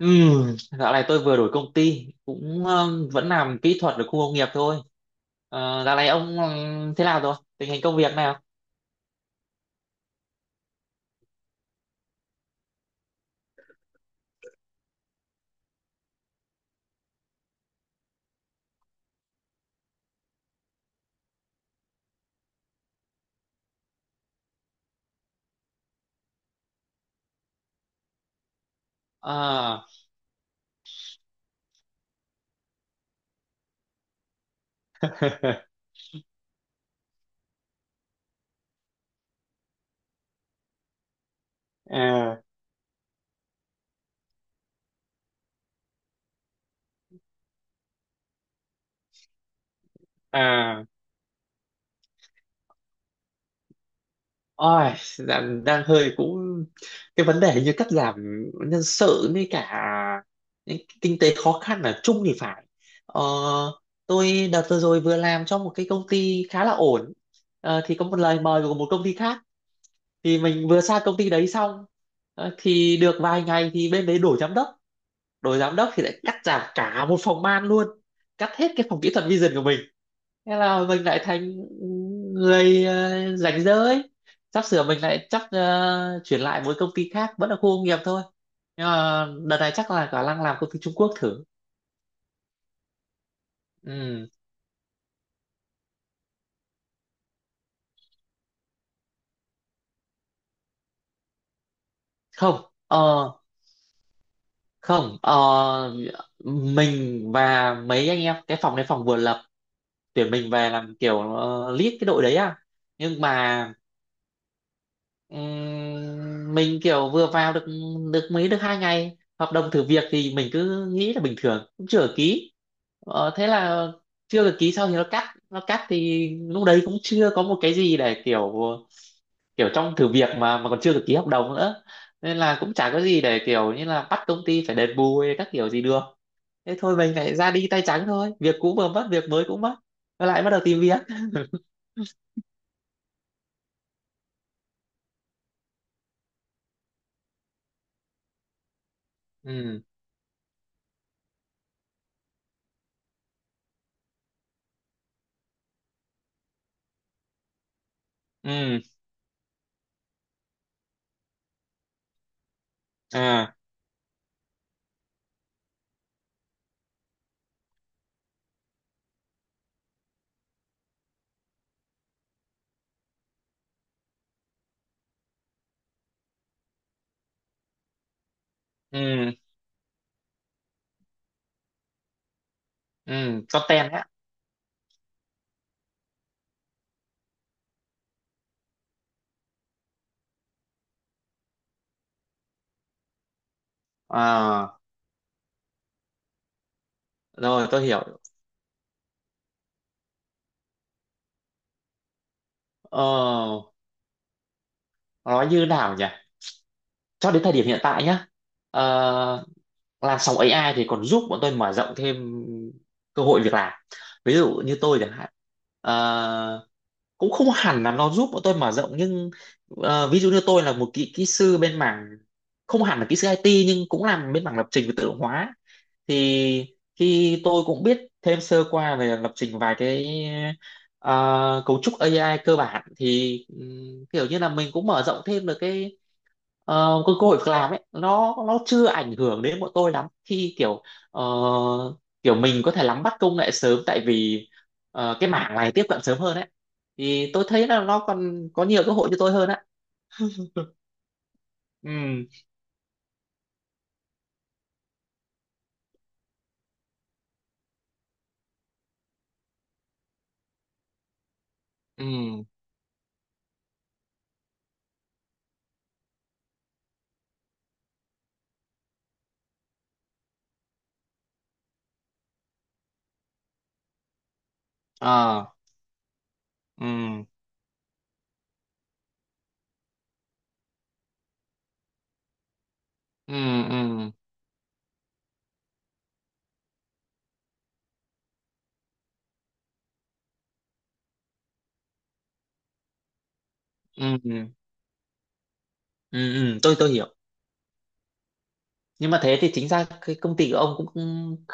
Ừ, dạo này tôi vừa đổi công ty cũng vẫn làm kỹ thuật ở khu công nghiệp thôi. Ờ, dạo này ông thế nào rồi? Tình hình công việc nào? À, à, à, ôi, đang hơi cũng cái vấn đề như cắt giảm nhân sự với cả những kinh tế khó khăn ở chung thì phải. Ờ, tôi đợt vừa rồi vừa làm cho một cái công ty khá là ổn. Ờ, thì có một lời mời của một công ty khác, thì mình vừa sang công ty đấy xong. Ờ, thì được vài ngày thì bên đấy đổi giám đốc. Đổi giám đốc thì lại cắt giảm cả một phòng ban luôn, cắt hết cái phòng kỹ thuật vision của mình. Thế là mình lại thành người ờ, rảnh rỗi, sắp sửa mình lại chắc ờ, chuyển lại một công ty khác vẫn là khu công nghiệp thôi, nhưng mà đợt này chắc là khả năng làm công ty Trung Quốc thử. Ừ. Không ờ, không ờ, mình và mấy anh em cái phòng này phòng vừa lập, tuyển mình về làm kiểu ờ, lead cái đội đấy à. Nhưng mà mình kiểu vừa vào được được mấy được 2 ngày hợp đồng thử việc, thì mình cứ nghĩ là bình thường cũng chưa được ký. Ờ, thế là chưa được ký, sau thì nó cắt thì lúc đấy cũng chưa có một cái gì để kiểu, kiểu trong thử việc mà còn chưa được ký hợp đồng nữa, nên là cũng chả có gì để kiểu như là bắt công ty phải đền bù hay các kiểu gì được. Thế thôi mình lại ra đi tay trắng, thôi việc cũ vừa mất, việc mới cũng mất, lại bắt đầu tìm việc. Ừ, ừ. À. Ừ, ừ. Content á. À, rồi tôi hiểu. Ờ, nói như nào nhỉ, cho đến thời điểm hiện tại nhá. Ờ, làn sóng AI thì còn giúp bọn tôi mở rộng thêm cơ hội việc làm, ví dụ như tôi chẳng hạn. Ờ, cũng không hẳn là nó giúp bọn tôi mở rộng, nhưng ờ, ví dụ như tôi là một kỹ kỹ sư bên mảng, không hẳn là kỹ sư IT nhưng cũng làm bên mảng lập trình và tự động hóa, thì khi tôi cũng biết thêm sơ qua về lập trình vài cái ờ, cấu trúc AI cơ bản, thì kiểu như là mình cũng mở rộng thêm được cái ờ, cái cơ hội việc làm ấy. Nó chưa ảnh hưởng đến bọn tôi lắm, khi kiểu ờ, kiểu mình có thể nắm bắt công nghệ sớm, tại vì ờ, cái mảng này tiếp cận sớm hơn ấy, thì tôi thấy là nó còn có nhiều cơ hội cho tôi hơn á. Ừ, ừ. Ờ. ừ ừ, ừ. Ừ, ừ. Ừ, ừ, tôi hiểu. Nhưng mà thế thì chính ra cái công ty của ông cũng cũng-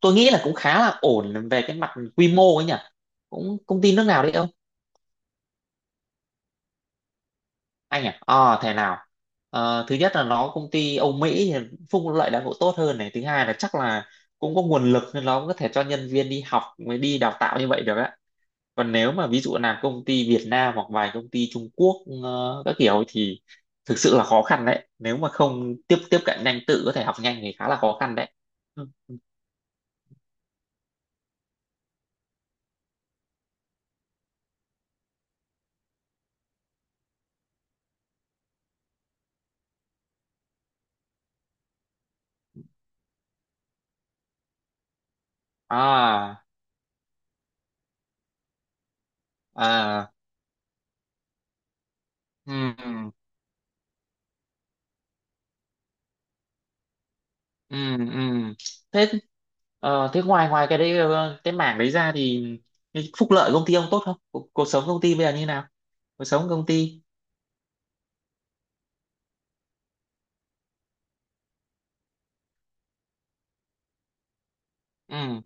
tôi nghĩ là cũng khá là ổn về cái mặt quy mô ấy nhỉ, cũng công ty nước nào đấy ông. Anh à, ờ thế nào. Ờ, thứ nhất là nó công ty Âu Mỹ thì phúc lợi đãi ngộ tốt hơn này, thứ hai là chắc là cũng có nguồn lực nên nó cũng có thể cho nhân viên đi học mới đi đào tạo như vậy được á. Còn nếu mà ví dụ là công ty Việt Nam hoặc vài công ty Trung Quốc ờ, các kiểu thì thực sự là khó khăn đấy, nếu mà không tiếp tiếp cận nhanh tự có thể học nhanh thì khá là khó khăn đấy. Ừ. À, à. Ừ. Ừ, ừ. Thế ờ, thế ngoài ngoài cái đấy ờ, cái mảng đấy ra thì cái phúc lợi công ty ông tốt không, cuộc sống công ty bây giờ như nào, cuộc sống công ty. Ừ,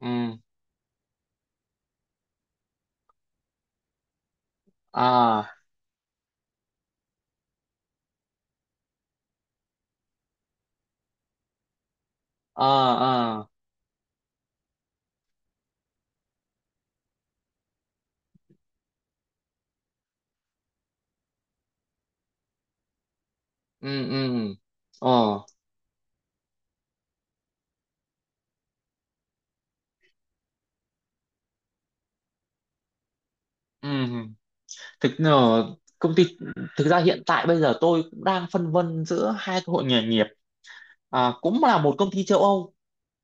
ừ. Ờ. Ờ. Ờ. Ừ, ừ. Ờ. Ừ. Thực ờ, công ty, thực ra hiện tại bây giờ tôi cũng đang phân vân giữa hai cơ hội nghề nghiệp. À, cũng là một công ty châu Âu,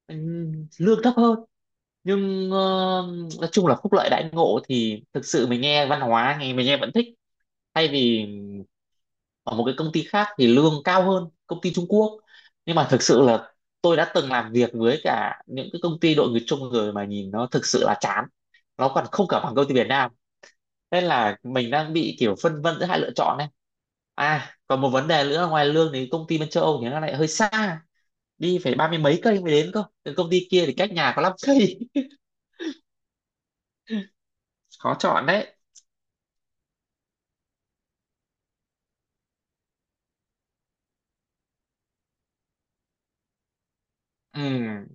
lương thấp hơn, nhưng ờ, nói chung là phúc lợi đãi ngộ thì thực sự mình nghe văn hóa nghe mình nghe vẫn thích, thay vì ở một cái công ty khác thì lương cao hơn, công ty Trung Quốc. Nhưng mà thực sự là tôi đã từng làm việc với cả những cái công ty đội người Trung rồi mà nhìn nó thực sự là chán, nó còn không cả bằng công ty Việt Nam, nên là mình đang bị kiểu phân vân giữa hai lựa chọn này. À còn một vấn đề nữa là ngoài lương thì công ty bên châu Âu thì nó lại hơi xa, đi phải 30 mấy cây mới đến cơ. Từ công ty kia thì cách nhà có 5 cây. Khó chọn đấy. Ừ,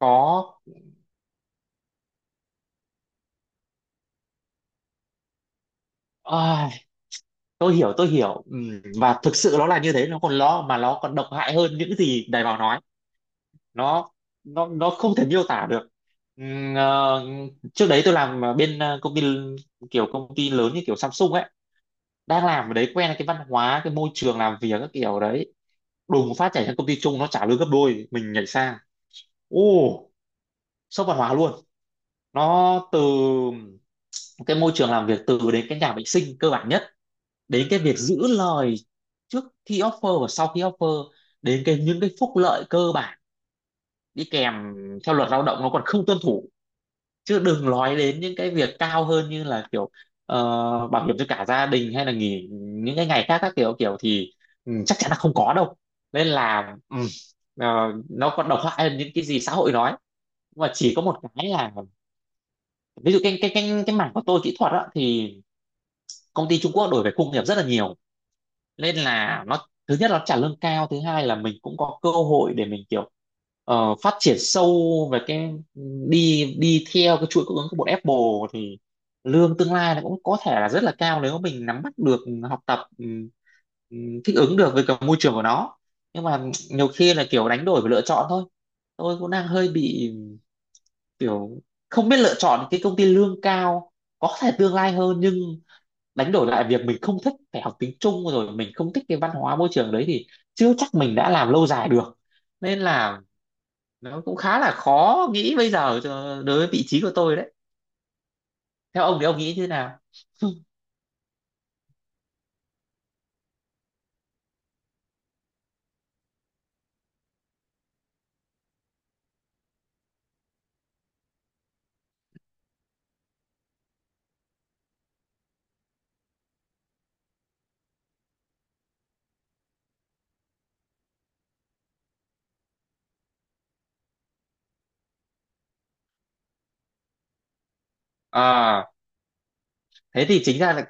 có. Ai, tôi hiểu ừ, và thực sự nó là như thế, nó còn lo mà nó còn độc hại hơn những gì Đài Bảo nói, nó nó không thể miêu tả được. Ừ, ờ, trước đấy tôi làm ở bên ờ, công ty, kiểu công ty lớn như kiểu Samsung ấy, đang làm ở đấy quen cái văn hóa cái môi trường làm việc các kiểu đấy, đùng phát nhảy sang công ty chung nó trả lương gấp đôi mình nhảy sang. Ô, sốc văn hóa luôn. Nó từ cái môi trường làm việc, từ đến cái nhà vệ sinh cơ bản nhất, đến cái việc giữ lời trước khi offer và sau khi offer, đến cái những cái phúc lợi cơ bản đi kèm theo luật lao động nó còn không tuân thủ, chứ đừng nói đến những cái việc cao hơn như là kiểu ờ, bảo hiểm cho cả gia đình hay là nghỉ những cái ngày khác các kiểu kiểu thì ừ, chắc chắn là không có đâu. Nên là ừ, ờ, nó còn độc hại hơn những cái gì xã hội nói. Nhưng mà chỉ có một cái là, ví dụ cái mảng của tôi kỹ thuật á thì công ty Trung Quốc đổi về khung nghiệp rất là nhiều, nên là nó thứ nhất nó trả lương cao, thứ hai là mình cũng có cơ hội để mình kiểu ờ, phát triển sâu về cái, đi đi theo cái chuỗi cung ứng của bọn Apple, thì lương tương lai nó cũng có thể là rất là cao, nếu mình nắm bắt được, học tập thích ứng được với cả môi trường của nó. Nhưng mà nhiều khi là kiểu đánh đổi và lựa chọn thôi, tôi cũng đang hơi bị kiểu không biết lựa chọn cái công ty lương cao có thể tương lai hơn, nhưng đánh đổi lại việc mình không thích phải học tiếng Trung rồi mình không thích cái văn hóa môi trường đấy thì chưa chắc mình đã làm lâu dài được, nên là nó cũng khá là khó nghĩ bây giờ cho- đối với vị trí của tôi đấy. Theo ông thì ông nghĩ như thế nào? À, thế thì chính ra là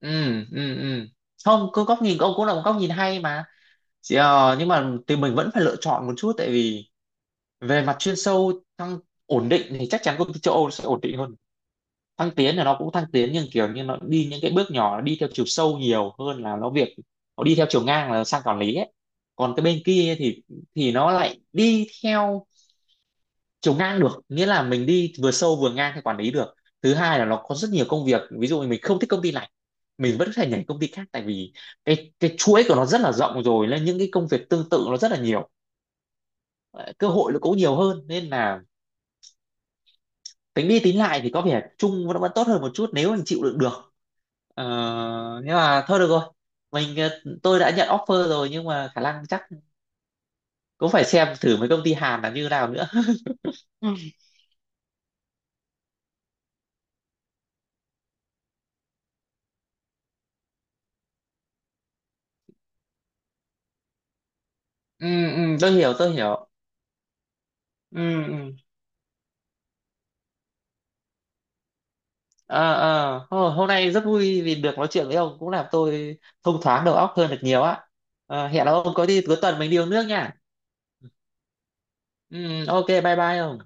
ừ, ừ, ừ, không, cứ góc nhìn của ông cũng là một góc nhìn hay mà. Chỉ, ờ, nhưng mà thì mình vẫn phải lựa chọn một chút, tại vì về mặt chuyên sâu thăng, ổn định thì chắc chắn công ty châu Âu sẽ ổn định hơn, thăng tiến là nó cũng thăng tiến nhưng kiểu như nó đi những cái bước nhỏ, nó đi theo chiều sâu nhiều hơn là nó việc, nó đi theo chiều ngang là sang quản lý ấy. Còn cái bên kia thì nó lại đi theo chiều ngang được, nghĩa là mình đi vừa sâu vừa ngang theo quản lý được. Thứ hai là nó có rất nhiều công việc, ví dụ như mình không thích công ty này mình vẫn có thể nhảy công ty khác, tại vì cái chuỗi của nó rất là rộng rồi nên những cái công việc tương tự nó rất là nhiều. Ờ, cơ hội nó cũng nhiều hơn, nên là tính đi tính lại thì có vẻ chung nó vẫn tốt hơn một chút nếu anh chịu đựng được. Ờ, nhưng mà thôi được rồi, mình ờ, tôi đã nhận offer rồi nhưng mà khả năng chắc cũng phải xem thử mấy công ty Hàn là như nào nữa. Ừ, ừ, ừ, tôi hiểu tôi hiểu. Ừ, ừ. Ờ, ờ. Hô- hôm nay rất vui vì được nói chuyện với ông cũng làm tôi thông thoáng đầu óc hơn được nhiều á. Ờ, hẹn ông có đi cuối tuần mình đi uống nước nha. Ừ, ok bye bye ông.